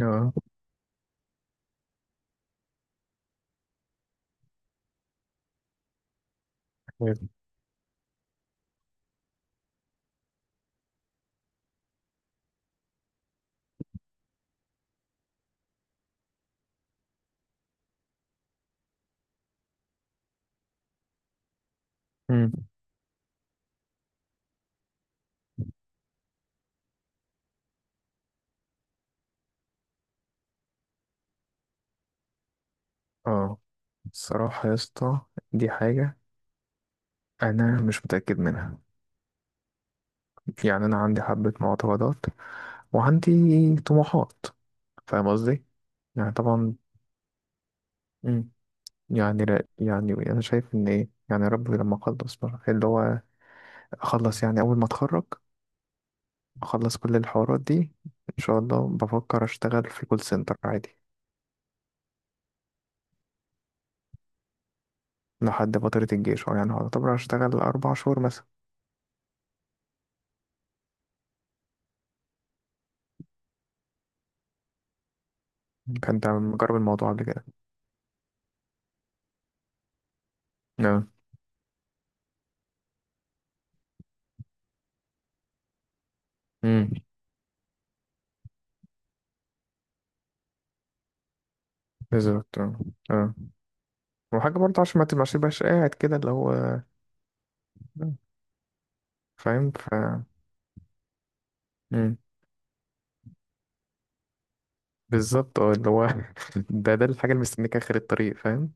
اه حلو. مم. اه الصراحة يا اسطى، دي حاجة أنا مش متأكد منها. يعني أنا عندي حبة معتقدات وعندي طموحات، فاهم قصدي؟ يعني طبعا. مم. يعني لا، يعني أنا شايف إن إيه، يعني ربي لما أخلص بقى، اللي هو أخلص يعني أول ما أتخرج، أخلص كل الحوارات دي. إن شاء الله بفكر أشتغل في كول سنتر عادي. لحد فترة الجيش، أو يعني هعتبر أشتغل أربع شهور مثلا. كنت مجرب الموضوع قبل كده. آه. مم. بالظبط، اه. اه، وحاجة برضه عشان ما تبقاش قاعد كده اللي هو فاهم، مم. بالظبط، اه، اللي هو ده الحاجة اللي مستنيك آخر الطريق، فاهم.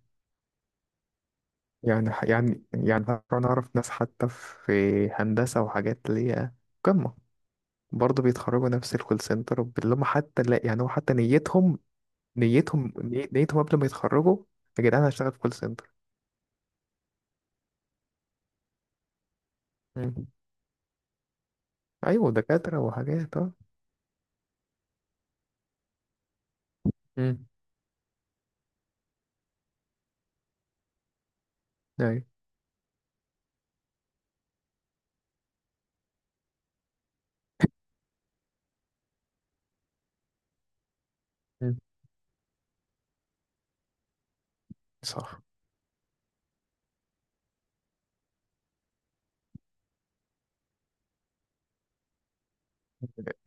يعني أنا أعرف ناس حتى في هندسة وحاجات اللي هي قمة، برضه بيتخرجوا نفس الكول سنتر، اللي هم حتى لا، يعني هو حتى نيتهم، نيتهم قبل ما يتخرجوا، يا جدعان أنا هشتغل في كول سنتر. مم. أيوه، دكاترة وحاجات، اه. مم. أيوه. مم. صح،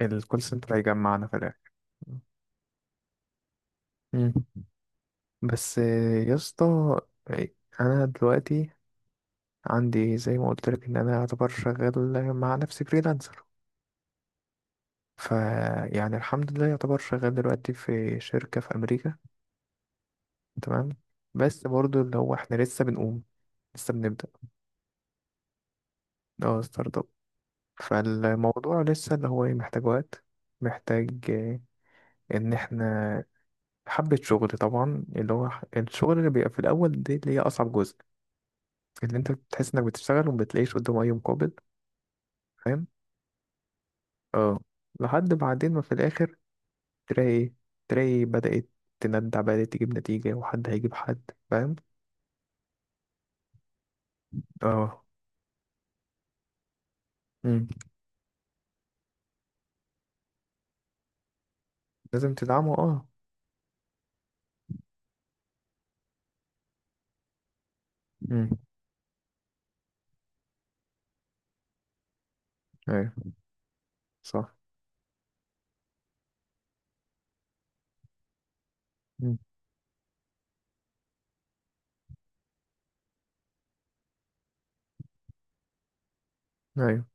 الكول سنتر هيجمعنا في الآخر. مم. بس يا اسطى، أنا دلوقتي عندي زي ما قلت لك إن أنا يعتبر شغال مع نفسي فريلانسر. فيعني الحمد لله يعتبر شغال دلوقتي في شركة في أمريكا، تمام؟ بس برضه اللي هو إحنا لسه بنبدأ. اه ستارت اب. فالموضوع لسه اللي هو إيه، محتاج وقت، محتاج آه، إن إحنا حبة شغل. طبعا اللي هو الشغل اللي بيبقى في الأول دي اللي هي أصعب جزء، اللي انت بتحس انك بتشتغل وما بتلاقيش قدامه اي مقابل. فاهم، اه، لحد بعدين ما في الاخر تلاقي ايه، تلاقي بدأت تندع، بدأت تجيب نتيجة، وحد هيجيب حد، فاهم. اه. مم. لازم تدعمه، اه. مم. ايوه. صح. مم. ايوه.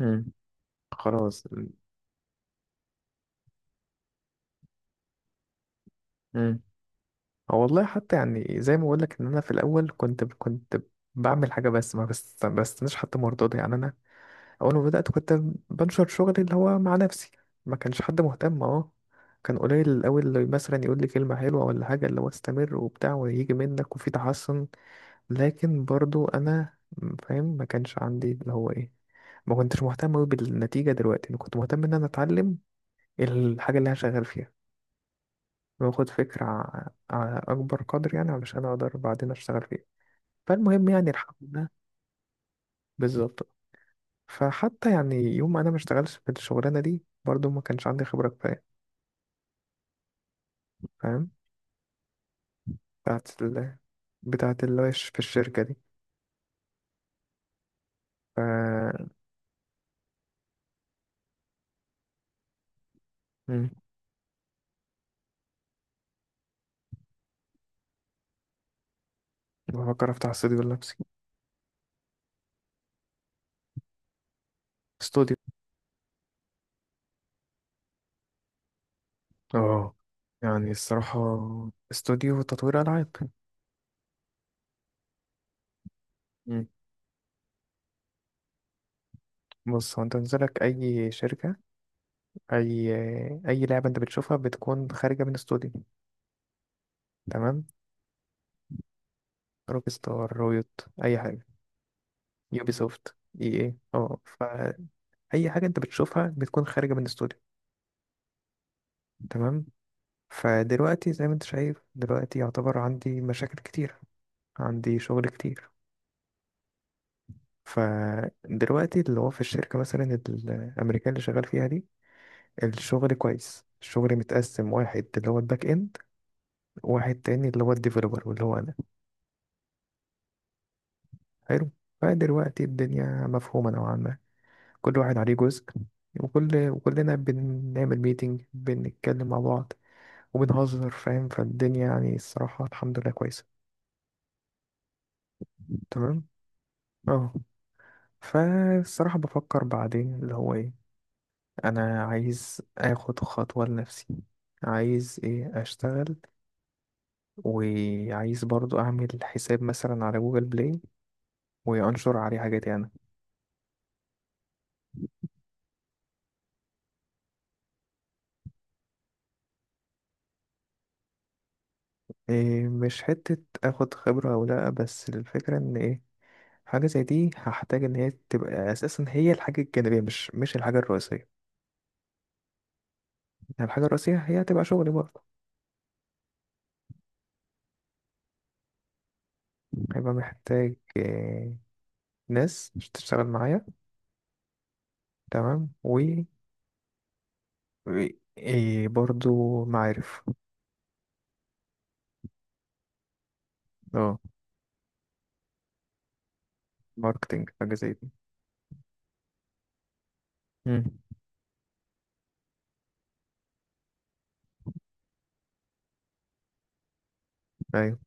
مم. خلاص. مم. هو والله حتى، يعني زي ما بقول لك ان انا في الاول كنت بعمل حاجة، بس ما بستناش حتى مرضاضي. يعني انا اول ما بدات كنت بنشر شغلي اللي هو مع نفسي، ما كانش حد مهتم، اه. كان قليل الاول اللي مثلا يقول لي كلمه حلوه ولا حاجه، اللي هو استمر وبتاع وهيجي منك وفي تحسن. لكن برضو انا فاهم، ما كانش عندي اللي هو ايه، ما كنتش مهتم أوي بالنتيجه. دلوقتي انا كنت مهتم ان انا اتعلم الحاجه اللي انا شغال فيها، واخد فكره على اكبر قدر، يعني علشان اقدر بعدين اشتغل فيها. فالمهم يعني الحمد لله. بالظبط. فحتى يعني يوم ما انا ما اشتغلش في الشغلانه دي، برضو ما كانش عندي خبره كفايه، فاهم. بتاعت ال... بتاعت اللي هو في الشركه دي. ف مم. بفكر افتح استوديو لنفسي. استوديو، اه، يعني الصراحه استوديو تطوير العاب. مم. بص، هو انت نزلك اي شركه، اي اي لعبه انت بتشوفها بتكون خارجه من استوديو، تمام؟ روك ستار، رويوت، اي حاجه، يوبي سوفت، اي ايه، اه، فاي حاجه انت بتشوفها بتكون خارجه من استوديو، تمام. فدلوقتي زي ما انت شايف، دلوقتي يعتبر عندي مشاكل كتير، عندي شغل كتير. فدلوقتي اللي هو في الشركة مثلا الأمريكان اللي شغال فيها دي، الشغل كويس، الشغل متقسم. واحد اللي هو الباك إند، وواحد تاني اللي هو الديفلوبر، واللي هو أنا. حلو. فدلوقتي الدنيا مفهومة نوعا ما. كل واحد عليه جزء، وكلنا بنعمل ميتنج، بنتكلم مع بعض وبنهزر، فاهم. فالدنيا يعني الصراحة الحمد لله كويسة. تمام، اه. فالصراحة بفكر بعدين اللي هو ايه، انا عايز اخد خطوة لنفسي، عايز ايه اشتغل، وعايز برضو اعمل حساب مثلا على جوجل بلاي وانشر عليه حاجاتي انا. إيه، مش حتة اخد خبرة او لا، بس الفكرة ان ايه، حاجة زي دي هحتاج ان هي تبقى اساسا هي الحاجة الجانبية، مش الحاجة الرئيسية. يعني الحاجة الرئيسية هي هتبقى شغلي برضه. هيبقى محتاج إيه؟ ناس تشتغل معايا، تمام، إيه برضو معارف. اه، ماركتينج حاجة زي دي. مم. أيوه،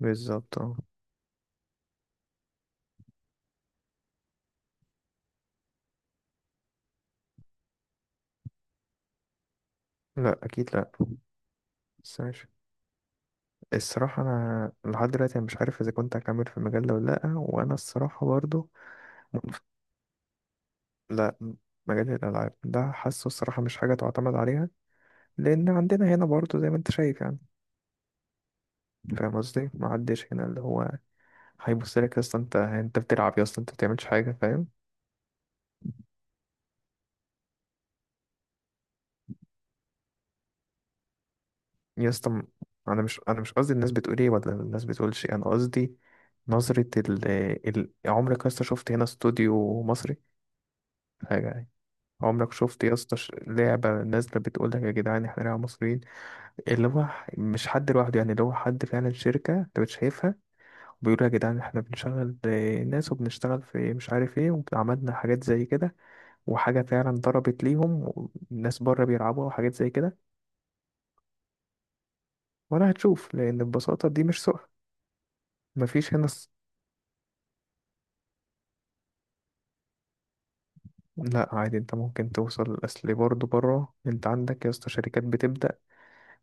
بالظبط، اه. لأ أكيد، لأ. بس ماشي. الصراحة أنا لحد دلوقتي أنا مش عارف إذا كنت هكمل في المجال ده ولا لأ، وأنا الصراحة برضو منف- لأ. مجال الألعاب ده حاسه الصراحة مش حاجة تعتمد عليها، لأن عندنا هنا برضو زي ما أنت شايف، يعني فاهم قصدي؟ محدش هنا اللي هو هيبصلك أصلا، أنت بتلعب يا، أصلا أنت بتعملش حاجة، فاهم؟ يا اسطى م- انا مش قصدي الناس بتقول ايه ولا الناس بتقولش إيه، انا قصدي نظرة ال عمرك يا اسطى شفت هنا استوديو مصري، حاجة يعني؟ عمرك شفت يا اسطى لعبة نازلة بتقول لك يا جدعان احنا لعبة مصريين؟ اللي هو مش حد لوحده، يعني اللي هو حد فعلا شركة انت بتشايفها وبيقولوا يا جدعان احنا بنشغل آه، ناس وبنشتغل في مش عارف ايه، وعملنا حاجات زي كده وحاجة فعلا ضربت ليهم والناس بره بيلعبوها وحاجات زي كده. ولا هتشوف، لأن ببساطة دي مش سوق. مفيش هنا. لا عادي، انت ممكن توصل. اصل برضه بره انت عندك يا اسطى شركات بتبدأ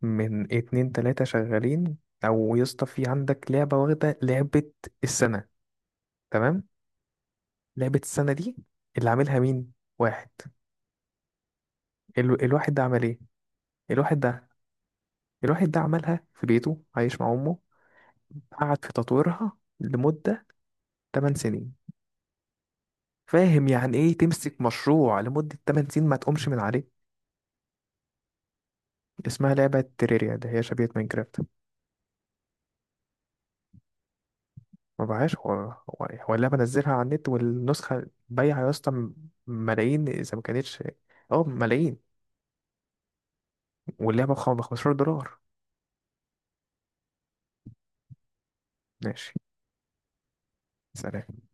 من اتنين تلاتة شغالين. او يا اسطى في عندك لعبة واخدة لعبة السنة، تمام؟ لعبة السنة دي، اللي عاملها مين؟ واحد. ال... الواحد ده عمل ايه؟ الواحد ده الواحد ده عملها في بيته، عايش مع امه، قعد في تطويرها لمدة 8 سنين. فاهم يعني ايه تمسك مشروع لمدة 8 سنين ما تقومش من عليه؟ اسمها لعبة تريريا، ده هي شبيهة ماينكرافت. ما بقاش، هو اللعبة نزلها على النت، والنسخة بايعة يا اسطى ملايين، إذا ما كانتش اه ملايين. واللعبة ب 15 دولار. ماشي، سلام.